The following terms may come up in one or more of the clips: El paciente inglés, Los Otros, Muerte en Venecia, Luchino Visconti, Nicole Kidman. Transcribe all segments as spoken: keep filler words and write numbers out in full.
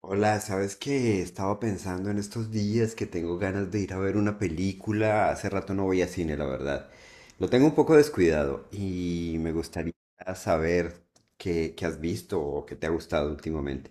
Hola, ¿sabes qué? Estaba pensando en estos días que tengo ganas de ir a ver una película. Hace rato no voy a cine, la verdad. Lo tengo un poco descuidado y me gustaría saber qué, qué has visto o qué te ha gustado últimamente.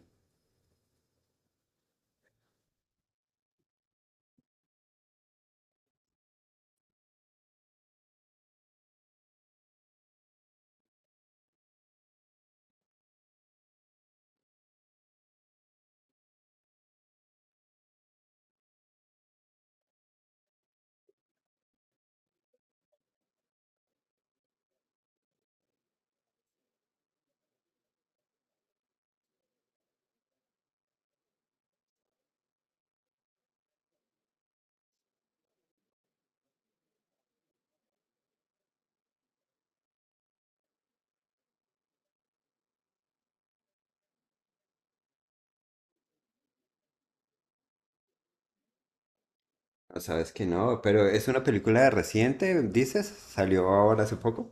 No, sabes que no, pero es una película reciente, dices, salió ahora hace poco.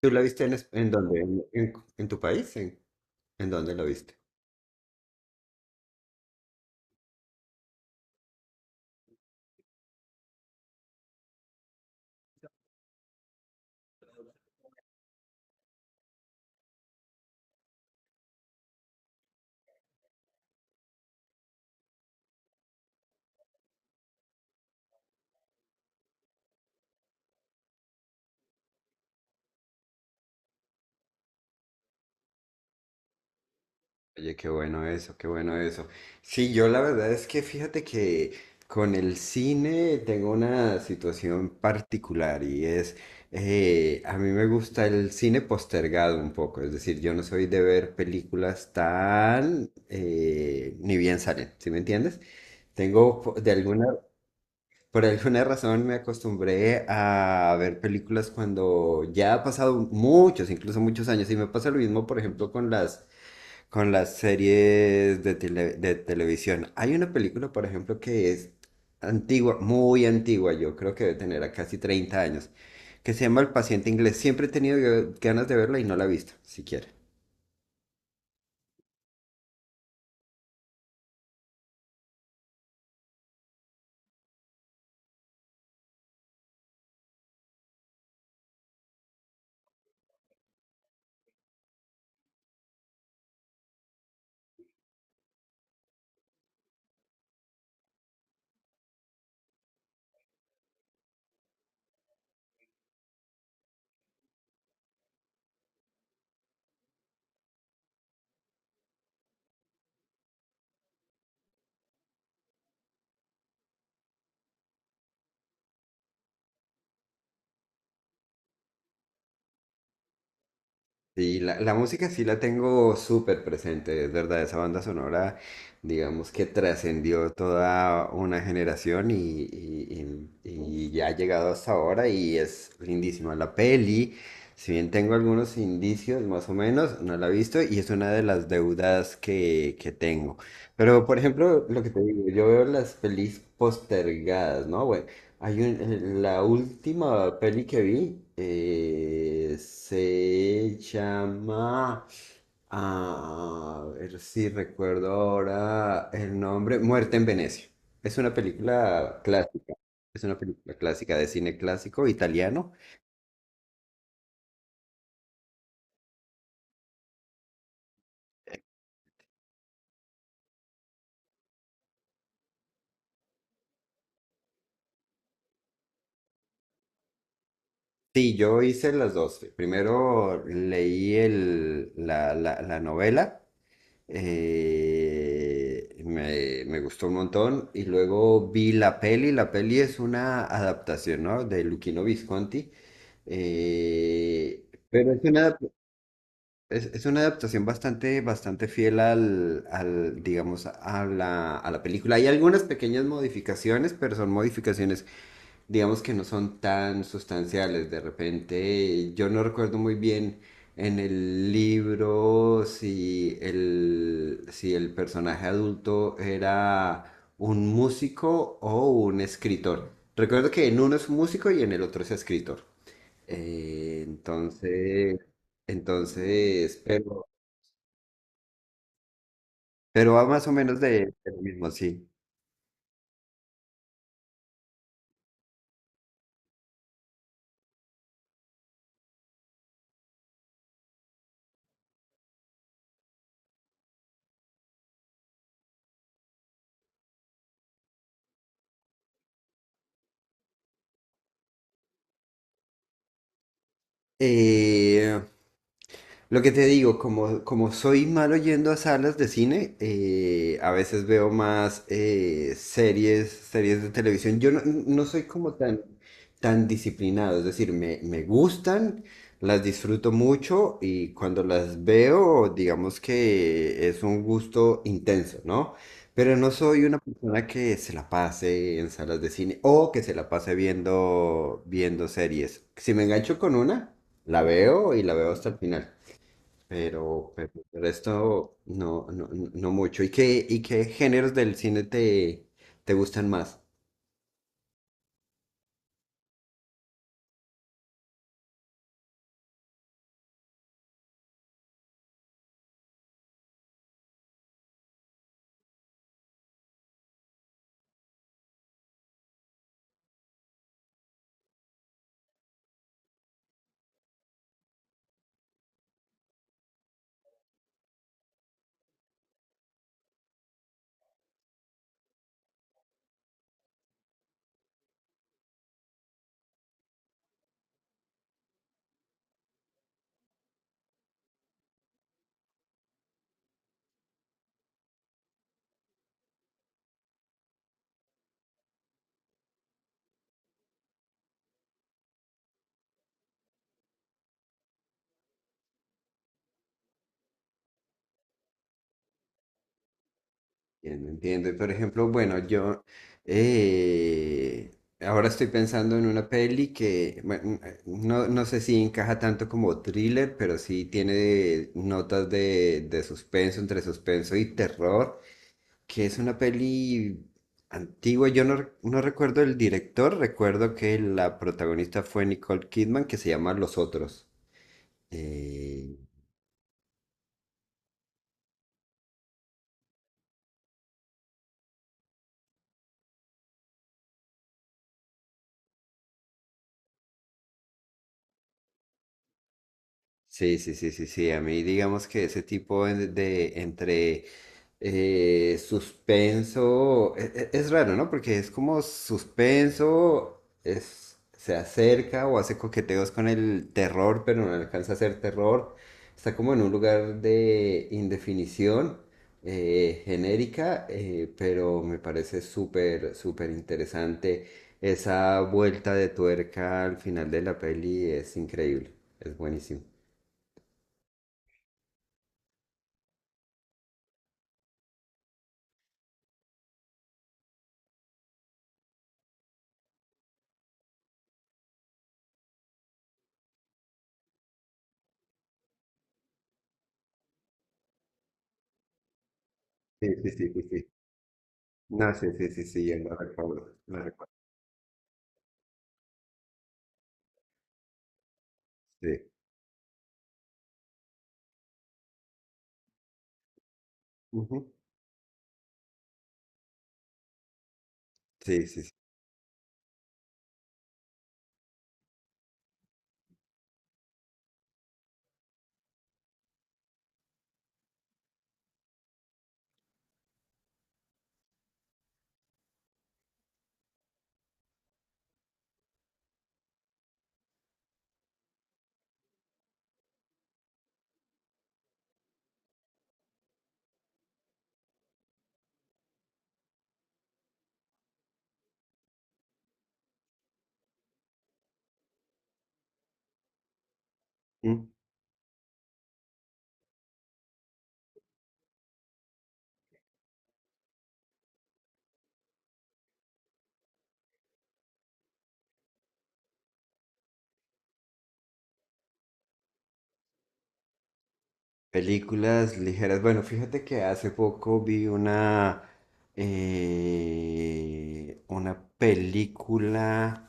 ¿Tú la viste en, es- en dónde? ¿En, en- ¿en tu país? ¿En, en dónde la viste? Oye, qué bueno eso, qué bueno eso. Sí, yo la verdad es que fíjate que con el cine tengo una situación particular y es, eh, a mí me gusta el cine postergado un poco, es decir, yo no soy de ver películas tan, eh, ni bien salen, ¿sí me entiendes? Tengo, po- de alguna, Por alguna razón me acostumbré a ver películas cuando ya ha pasado muchos, incluso muchos años, y me pasa lo mismo, por ejemplo, con las con las series de, tele- de televisión. Hay una película, por ejemplo, que es antigua, muy antigua, yo creo que debe tener a casi treinta años, que se llama El paciente inglés. Siempre he tenido ganas de verla y no la he visto, siquiera. Sí, la, la música sí la tengo súper presente, es verdad, esa banda sonora, digamos que trascendió toda una generación, y, y- y- y ya ha llegado hasta ahora y es lindísima. La peli, si bien tengo algunos indicios más o menos, no la he visto y es una de las deudas que, que tengo. Pero, por ejemplo, lo que te digo, yo veo las pelis postergadas, ¿no? Bueno, hay un- eh, la última peli que vi eh, se llama, a ver si recuerdo ahora el nombre, Muerte en Venecia. Es una película clásica, es una película clásica de cine clásico italiano. Sí, yo hice las dos. Primero leí el, la, la la novela. Eh, me, me gustó un montón y luego vi la peli. La peli es una adaptación, ¿no? De Luchino Visconti. eh, pero es una, adap- es, es una adaptación bastante, bastante fiel al, al, digamos, a la, a la película. Hay algunas pequeñas modificaciones, pero son modificaciones digamos que no son tan sustanciales. De repente, yo no recuerdo muy bien en el libro si el, si el personaje adulto era un músico o un escritor. Recuerdo que en uno es un músico y en el otro es escritor. Eh, entonces, entonces, pero, pero va más o menos de, de lo mismo, sí. Eh, Lo que te digo, como, como soy malo yendo a salas de cine, eh, a veces veo más eh, series, series de televisión. Yo no, No soy como tan, tan disciplinado, es decir, me, me gustan, las disfruto mucho y cuando las veo, digamos que es un gusto intenso, ¿no? Pero no soy una persona que se la pase en salas de cine o que se la pase viendo, viendo series. Si me engancho con una, la veo y la veo hasta el final. Pero, pero el resto no, no, no no mucho. ¿Y qué, y qué géneros del cine te, te gustan más? Entiendo, entiendo. Y, por ejemplo, bueno, yo, eh, ahora estoy pensando en una peli que bueno, mm, eh, no, no sé si encaja tanto como thriller, pero sí tiene notas de, de suspenso, entre suspenso y terror. Que es una peli antigua. Yo no, re- No recuerdo el director, recuerdo que la protagonista fue Nicole Kidman, que se llama Los Otros. eh, Sí, sí, sí, sí, sí. A mí digamos que ese tipo de, de- entre eh, suspenso, e- e- es, raro, ¿no? Porque es como suspenso, es, se acerca o hace coqueteos con el terror, pero no alcanza a ser terror. Está como en un lugar de indefinición eh, genérica, eh, pero me parece súper, súper interesante. Esa vuelta de tuerca al final de la peli es increíble, es buenísimo. Sí, sí, sí, sí, sí. No, sí, sí, sí, sí, yo lo recuerdo, lo recuerdo, sí. Ujú. Sí, sí, sí. Mm. Películas ligeras. Bueno, fíjate que hace poco vi una, eh, una película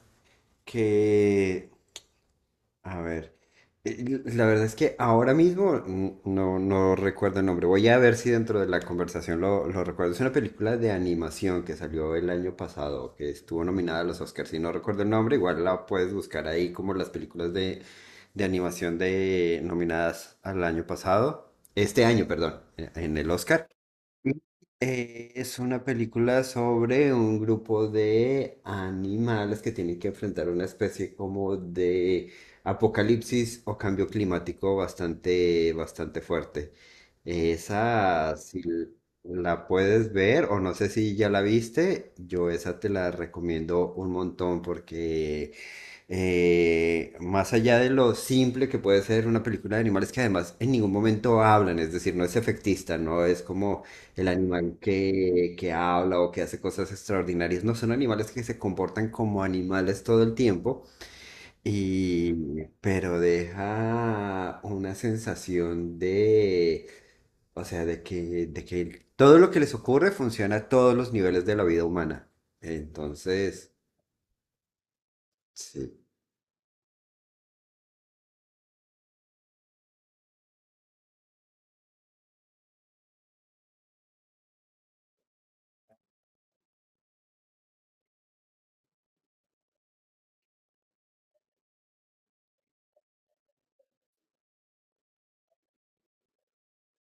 que a ver, eh, la verdad es que ahora mismo mm, no, no recuerdo el nombre. Voy a ver si dentro de la conversación lo, lo recuerdo. Es una película de animación que salió el año pasado, que estuvo nominada a los Oscars. Si no recuerdo el nombre, igual la puedes buscar ahí como las películas de, de animación de nominadas al año pasado. Este año, perdón, eh, en el Oscar. Y, eh, es una película sobre un grupo de animales que tienen que enfrentar una especie como de apocalipsis o cambio climático bastante, bastante fuerte. Esa, si l- la puedes ver o no sé si ya la viste, yo esa te la recomiendo un montón porque, eh, más allá de lo simple que puede ser una película de animales que además en ningún momento hablan, es decir, no es efectista, no es como el animal que, que habla o que hace cosas extraordinarias, no son animales que se comportan como animales todo el tiempo, y, pero deja una sensación de, o sea, de que, de que todo lo que les ocurre funciona a todos los niveles de la vida humana. Entonces, sí.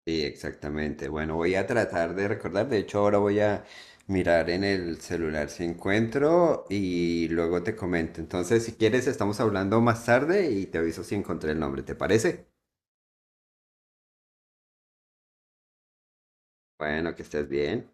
Sí, exactamente. Bueno, voy a tratar de recordar. De hecho, ahora voy a mirar en el celular si encuentro y luego te comento. Entonces, si quieres, estamos hablando más tarde y te aviso si encontré el nombre. ¿Te parece? Bueno, que estés bien.